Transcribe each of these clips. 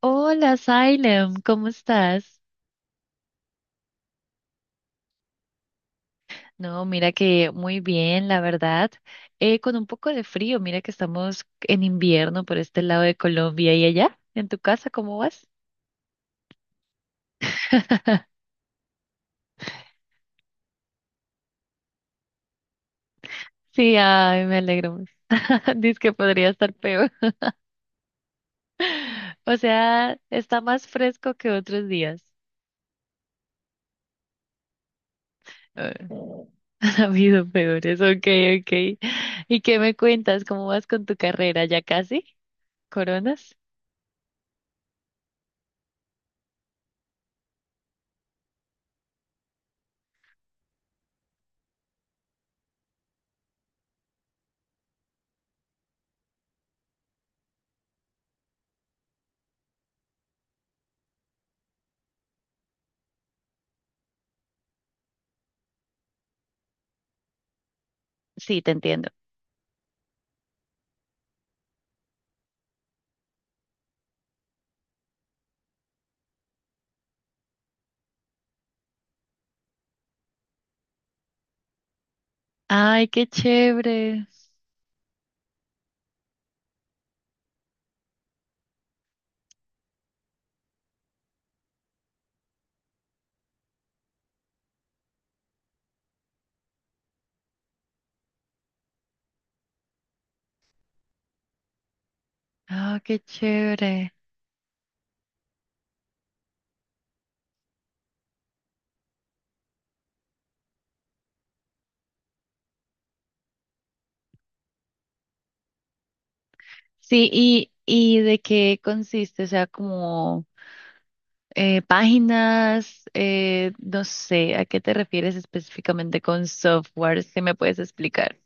Hola, Salem, ¿cómo estás? No, mira que muy bien, la verdad. Con un poco de frío, mira que estamos en invierno por este lado de Colombia y allá, en tu casa, ¿cómo vas? Sí, ay, me alegro. Dice que podría estar peor. O sea, está más fresco que otros días. Ah, Ha habido peores, ok, ok. ¿Y qué me cuentas? ¿Cómo vas con tu carrera? ¿Ya casi? ¿Coronas? Sí, te entiendo. Ay, qué chévere. Ah, qué chévere. Sí, ¿y de qué consiste? O sea, como páginas, no sé, ¿a qué te refieres específicamente con software? Si me puedes explicar.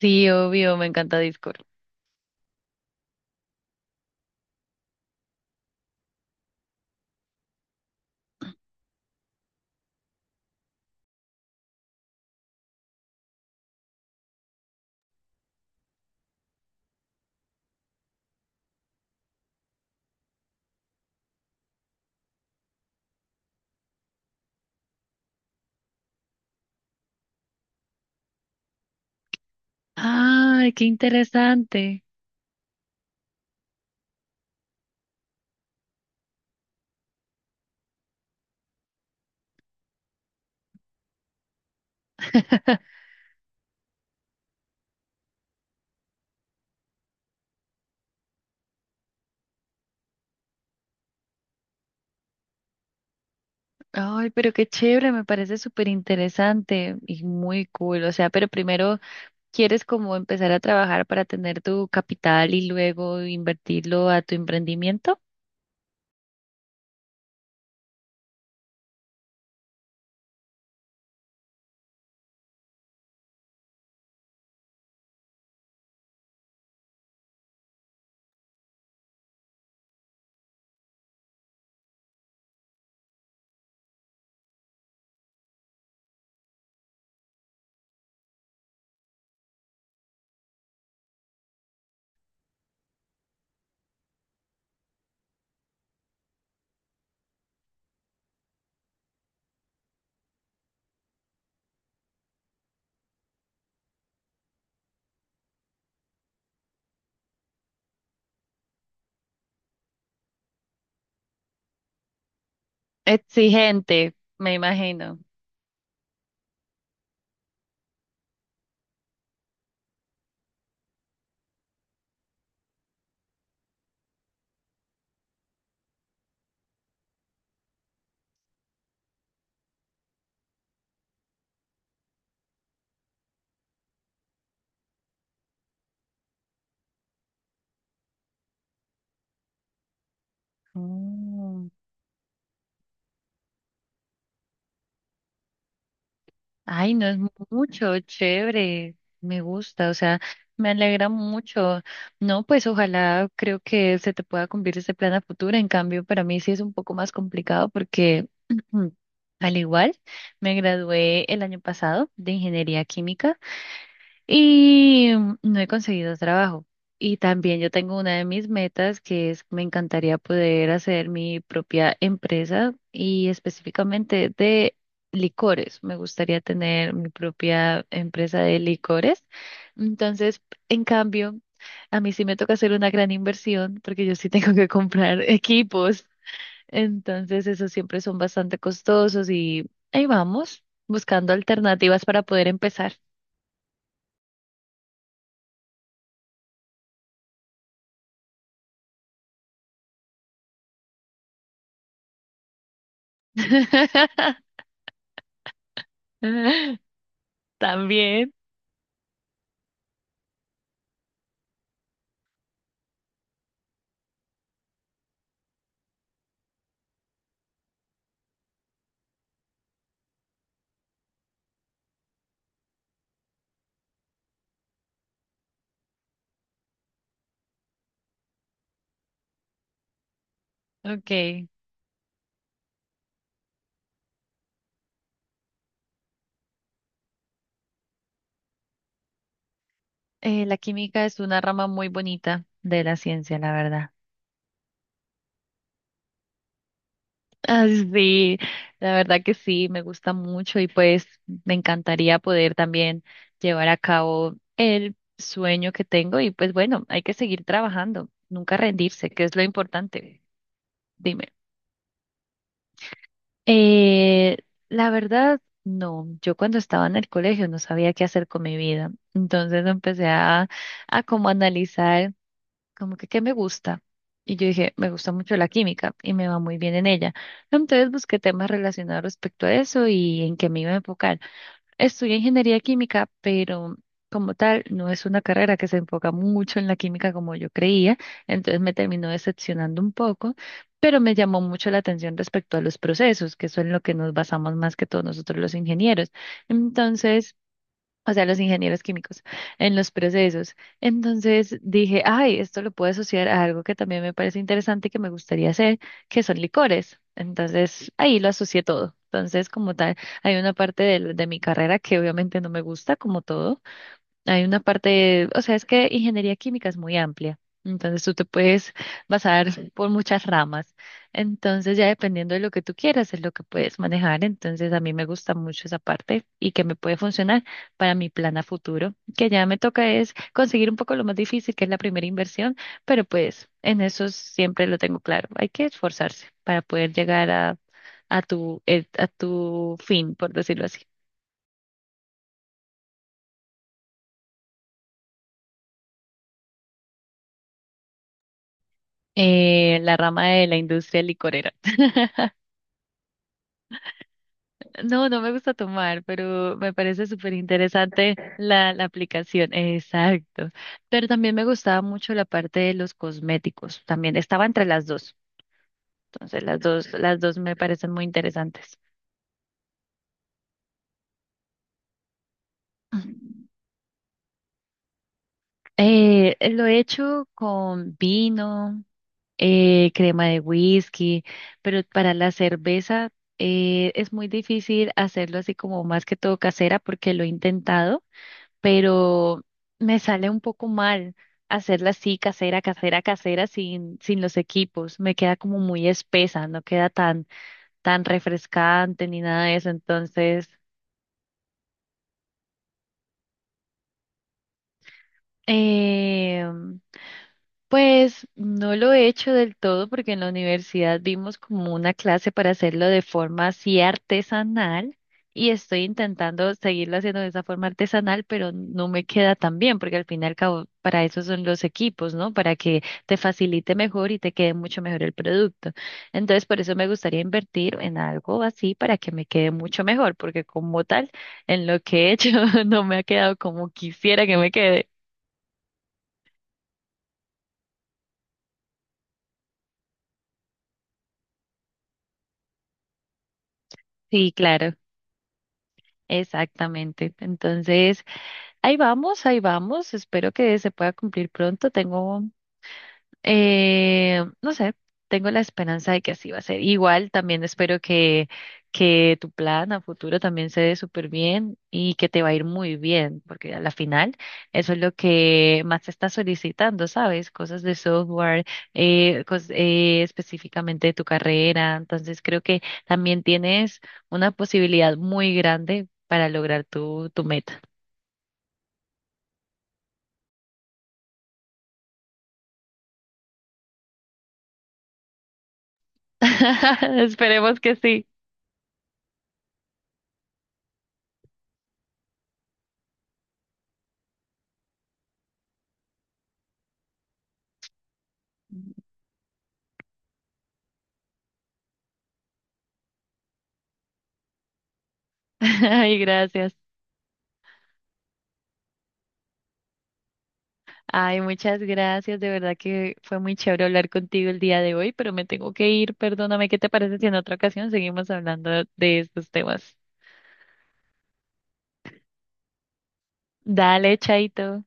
Sí, obvio, me encanta Discord. Ay, qué interesante. Ay, pero qué chévere, me parece súper interesante y muy cool. O sea, pero primero quieres como empezar a trabajar para tener tu capital y luego invertirlo a tu emprendimiento. Exigente, me imagino. Mm. Ay, no es mucho, chévere, me gusta, o sea, me alegra mucho. No, pues ojalá creo que se te pueda cumplir ese plan a futuro. En cambio, para mí sí es un poco más complicado porque, al igual, me gradué el año pasado de ingeniería química. Y no he conseguido trabajo. Y también yo tengo una de mis metas que es, me encantaría poder hacer mi propia empresa y específicamente de licores. Me gustaría tener mi propia empresa de licores. Entonces, en cambio, a mí sí me toca hacer una gran inversión porque yo sí tengo que comprar equipos. Entonces, esos siempre son bastante costosos y ahí vamos, buscando alternativas para poder empezar. También. Ok. La química es una rama muy bonita de la ciencia, la verdad. Ah, sí, la verdad que sí, me gusta mucho y pues me encantaría poder también llevar a cabo el sueño que tengo y pues bueno, hay que seguir trabajando, nunca rendirse, que es lo importante. Dime. Eh, la verdad, no, yo cuando estaba en el colegio no sabía qué hacer con mi vida, entonces a como analizar, como que qué me gusta. Y yo dije, me gusta mucho la química y me va muy bien en ella. Entonces busqué temas relacionados respecto a eso y en qué me iba a enfocar. Estudié ingeniería química, pero como tal no es una carrera que se enfoca mucho en la química como yo creía, entonces me terminó decepcionando un poco, pero me llamó mucho la atención respecto a los procesos, que eso es en lo que nos basamos más que todos nosotros los ingenieros. Entonces, o sea, los ingenieros químicos, en los procesos. Entonces dije, ay, esto lo puedo asociar a algo que también me parece interesante y que me gustaría hacer, que son licores. Entonces ahí lo asocié todo. Entonces, como tal, hay una parte de mi carrera que obviamente no me gusta, como todo. Hay una parte, o sea, es que ingeniería química es muy amplia, entonces tú te puedes basar por muchas ramas, entonces ya dependiendo de lo que tú quieras es lo que puedes manejar, entonces a mí me gusta mucho esa parte y que me puede funcionar para mi plan a futuro, que ya me toca es conseguir un poco lo más difícil, que es la primera inversión, pero pues en eso siempre lo tengo claro, hay que esforzarse para poder llegar a, a tu fin, por decirlo así. La rama de la industria licorera. No, no me gusta tomar, pero me parece súper interesante la aplicación. Exacto. Pero también me gustaba mucho la parte de los cosméticos. También estaba entre las dos. Entonces, las dos me parecen muy interesantes. Lo he hecho con vino, crema de whisky, pero para la cerveza es muy difícil hacerlo así como más que todo casera porque lo he intentado pero me sale un poco mal hacerla así, casera, casera, casera, sin los equipos. Me queda como muy espesa, no queda tan, tan refrescante ni nada de eso. Entonces, em, pues no lo he hecho del todo porque en la universidad vimos como una clase para hacerlo de forma así artesanal y estoy intentando seguirlo haciendo de esa forma artesanal, pero no me queda tan bien porque al fin y al cabo para eso son los equipos, ¿no? Para que te facilite mejor y te quede mucho mejor el producto. Entonces por eso me gustaría invertir en algo así para que me quede mucho mejor porque como tal en lo que he hecho no me ha quedado como quisiera que me quede. Sí, claro. Exactamente. Entonces, ahí vamos, ahí vamos. Espero que se pueda cumplir pronto. Tengo no sé, tengo la esperanza de que así va a ser. Igual también espero que tu plan a futuro también se dé súper bien y que te va a ir muy bien, porque a la final eso es lo que más se está solicitando, ¿sabes? Cosas de software, específicamente de tu carrera. Entonces creo que también tienes una posibilidad muy grande para lograr tu, tu meta. Esperemos que sí. Ay, gracias. Ay, muchas gracias. De verdad que fue muy chévere hablar contigo el día de hoy, pero me tengo que ir. Perdóname, ¿qué te parece si en otra ocasión seguimos hablando de estos temas? Dale, chaito.